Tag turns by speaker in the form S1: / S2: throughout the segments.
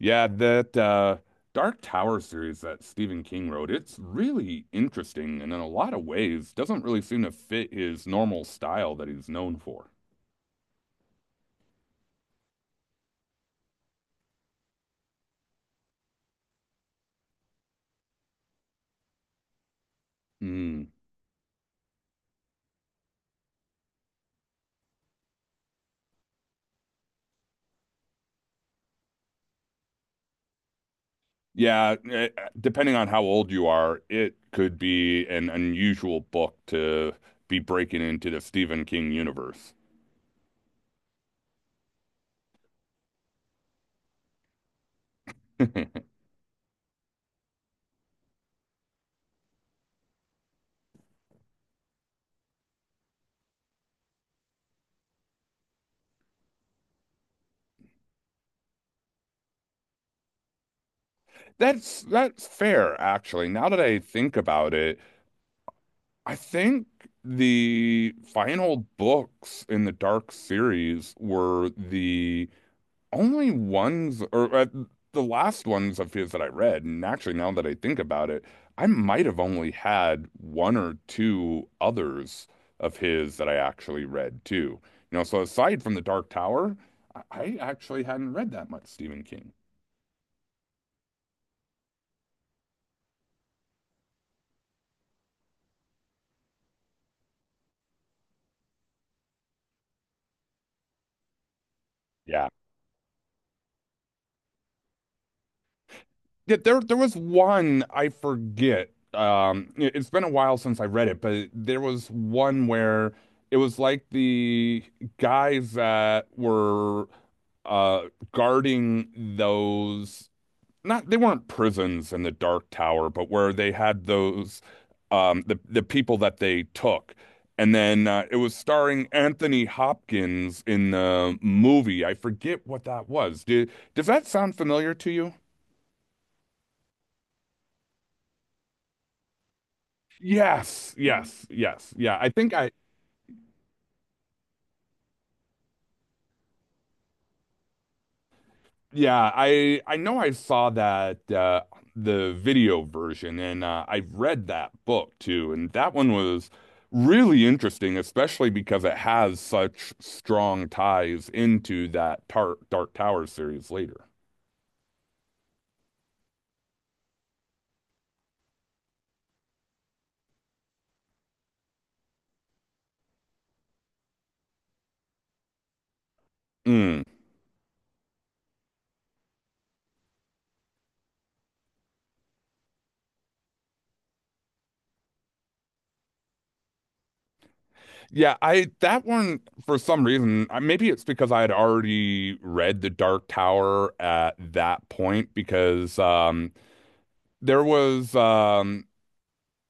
S1: Yeah, that Dark Tower series that Stephen King wrote, it's really interesting and in a lot of ways doesn't really seem to fit his normal style that he's known for. Mm. Yeah, depending on how old you are, it could be an unusual book to be breaking into the Stephen King universe. That's fair, actually. Now that I think about it, I think the final books in the Dark series were the only ones, or the last ones of his that I read, and actually now that I think about it, I might have only had one or two others of his that I actually read too. You know, so aside from The Dark Tower, I actually hadn't read that much Stephen King. Yeah, yeah, there was one I forget. It's been a while since I read it, but there was one where it was like the guys that were uh guarding those, not they weren't prisons in the Dark Tower, but where they had those, the people that they took. And then it was starring Anthony Hopkins in the movie. I forget what that was. Did, does that sound familiar to you? Yes, yes, yes. Yeah, I think I yeah, I know I saw that the video version, and I read that book too, and that one was really interesting, especially because it has such strong ties into that tar Dark Tower series later. Mm. Yeah, I that one for some reason, maybe it's because I had already read The Dark Tower at that point because there was um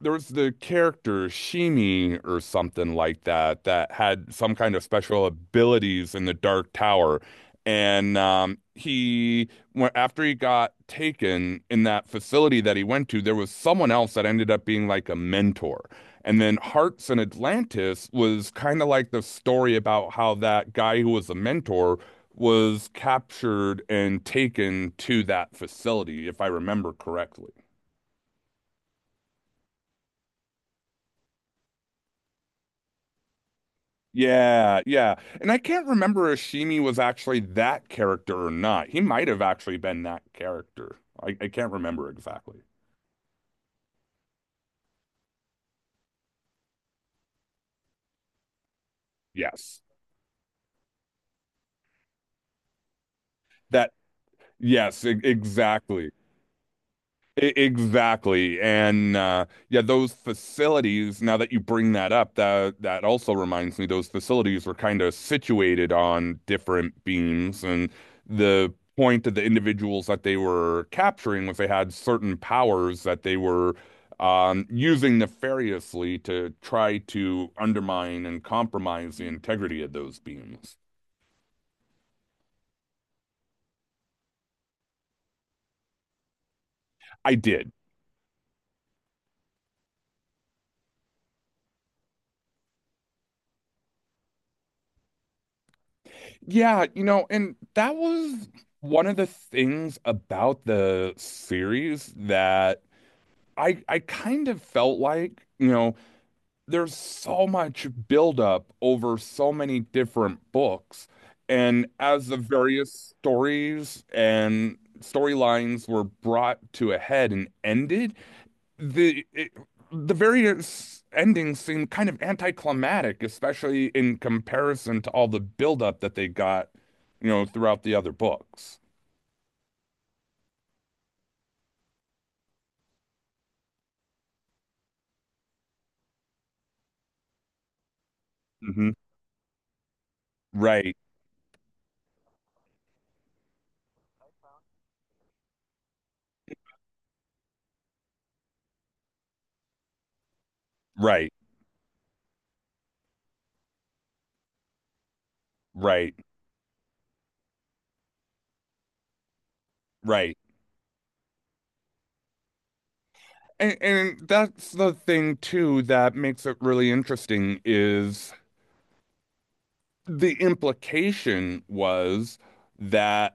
S1: there was the character Shimi or something like that that had some kind of special abilities in the Dark Tower. And he, after he got taken in that facility that he went to, there was someone else that ended up being like a mentor. And then Hearts and Atlantis was kind of like the story about how that guy who was a mentor was captured and taken to that facility, if I remember correctly. Yeah, yeah. And I can't remember if Shimi was actually that character or not. He might have actually been that character. I can't remember exactly. Yes. That, yes, exactly. Exactly. And yeah, those facilities, now that you bring that up, that also reminds me those facilities were kind of situated on different beams. And the point of the individuals that they were capturing was they had certain powers that they were using nefariously to try to undermine and compromise the integrity of those beams. I did. Yeah, you know, and that was one of the things about the series that I kind of felt like, you know, there's so much buildup over so many different books, and as the various stories and storylines were brought to a head and ended, the it, the various endings seem kind of anticlimactic, especially in comparison to all the buildup that they got, you know, throughout the other books. hmm Right, right, right, right. And that's the thing too that makes it really interesting is the implication was that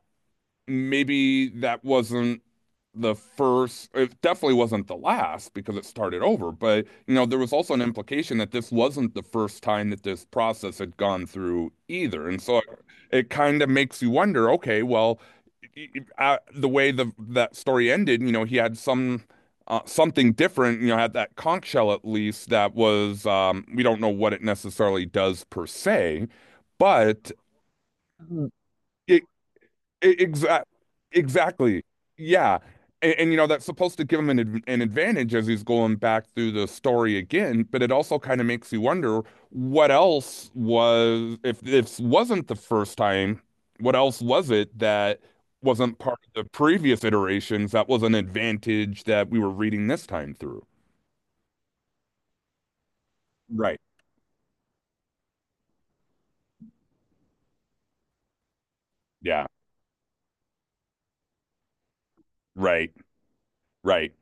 S1: maybe that wasn't the first, it definitely wasn't the last because it started over. But, you know, there was also an implication that this wasn't the first time that this process had gone through either. And so it kind of makes you wonder, okay, well, i- the way the that story ended, you know, he had some something different, you know, had that conch shell at least that was we don't know what it necessarily does per se, but it, exactly. Exactly. Yeah. And you know, that's supposed to give him an an advantage as he's going back through the story again, but it also kind of makes you wonder what else was, if this wasn't the first time, what else was it that wasn't part of the previous iterations that was an advantage that we were reading this time through? Right. Yeah. Right. Right.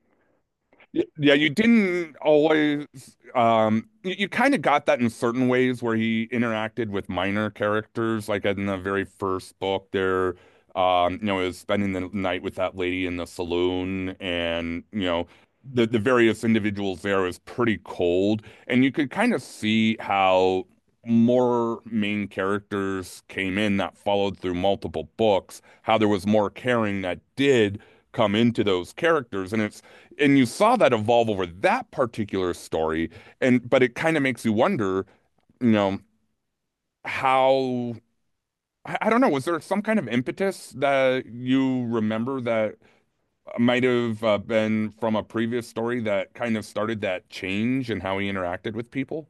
S1: Y- Yeah, you didn't always. You, you kind of got that in certain ways where he interacted with minor characters, like in the very first book. There, you know, is spending the night with that lady in the saloon, and you know, the various individuals there is pretty cold, and you could kind of see how more main characters came in that followed through multiple books, how there was more caring that did come into those characters, and it's and you saw that evolve over that particular story, and but it kind of makes you wonder, you know, how I don't know, was there some kind of impetus that you remember that might have been from a previous story that kind of started that change in how he interacted with people?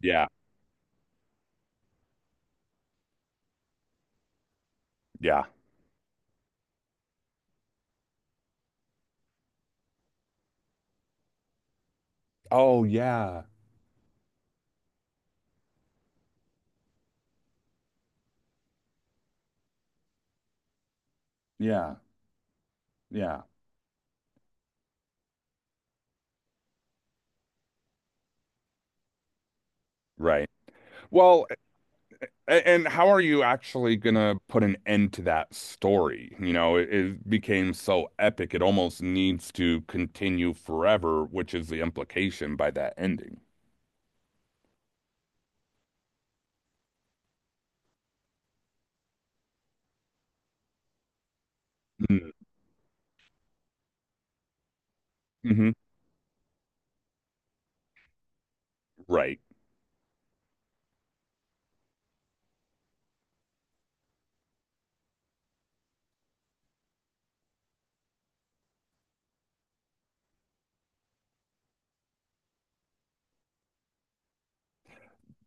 S1: Yeah. Yeah. Oh, yeah. Yeah. Yeah. Right. Well, A- and how are you actually gonna put an end to that story? You know, it became so epic, it almost needs to continue forever, which is the implication by that ending. Mm-hmm. Right.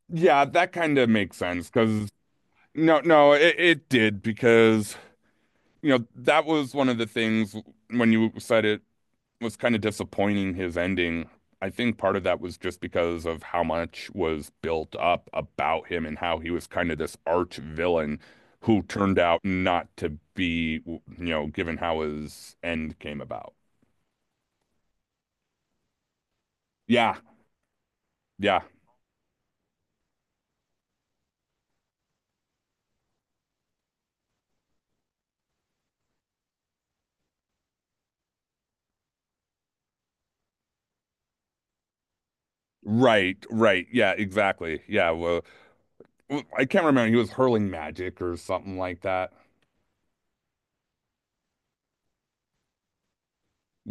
S1: Yeah, that kind of makes sense because no, no, it did because you know that was one of the things when you said it was kind of disappointing his ending. I think part of that was just because of how much was built up about him and how he was kind of this arch villain who turned out not to be, you know, given how his end came about. Yeah, yeah. Right, right. Yeah, exactly. Yeah, well, well, I can't remember. He was hurling magic or something like that.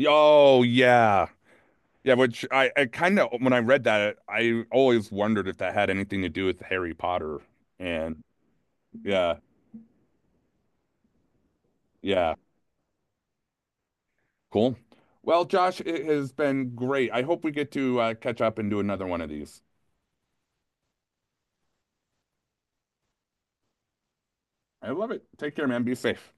S1: Oh, yeah. Yeah, which I kind of, when I read that, I always wondered if that had anything to do with Harry Potter. And yeah, yeah. Cool. Well, Josh, it has been great. I hope we get to catch up and do another one of these. I love it. Take care, man. Be safe.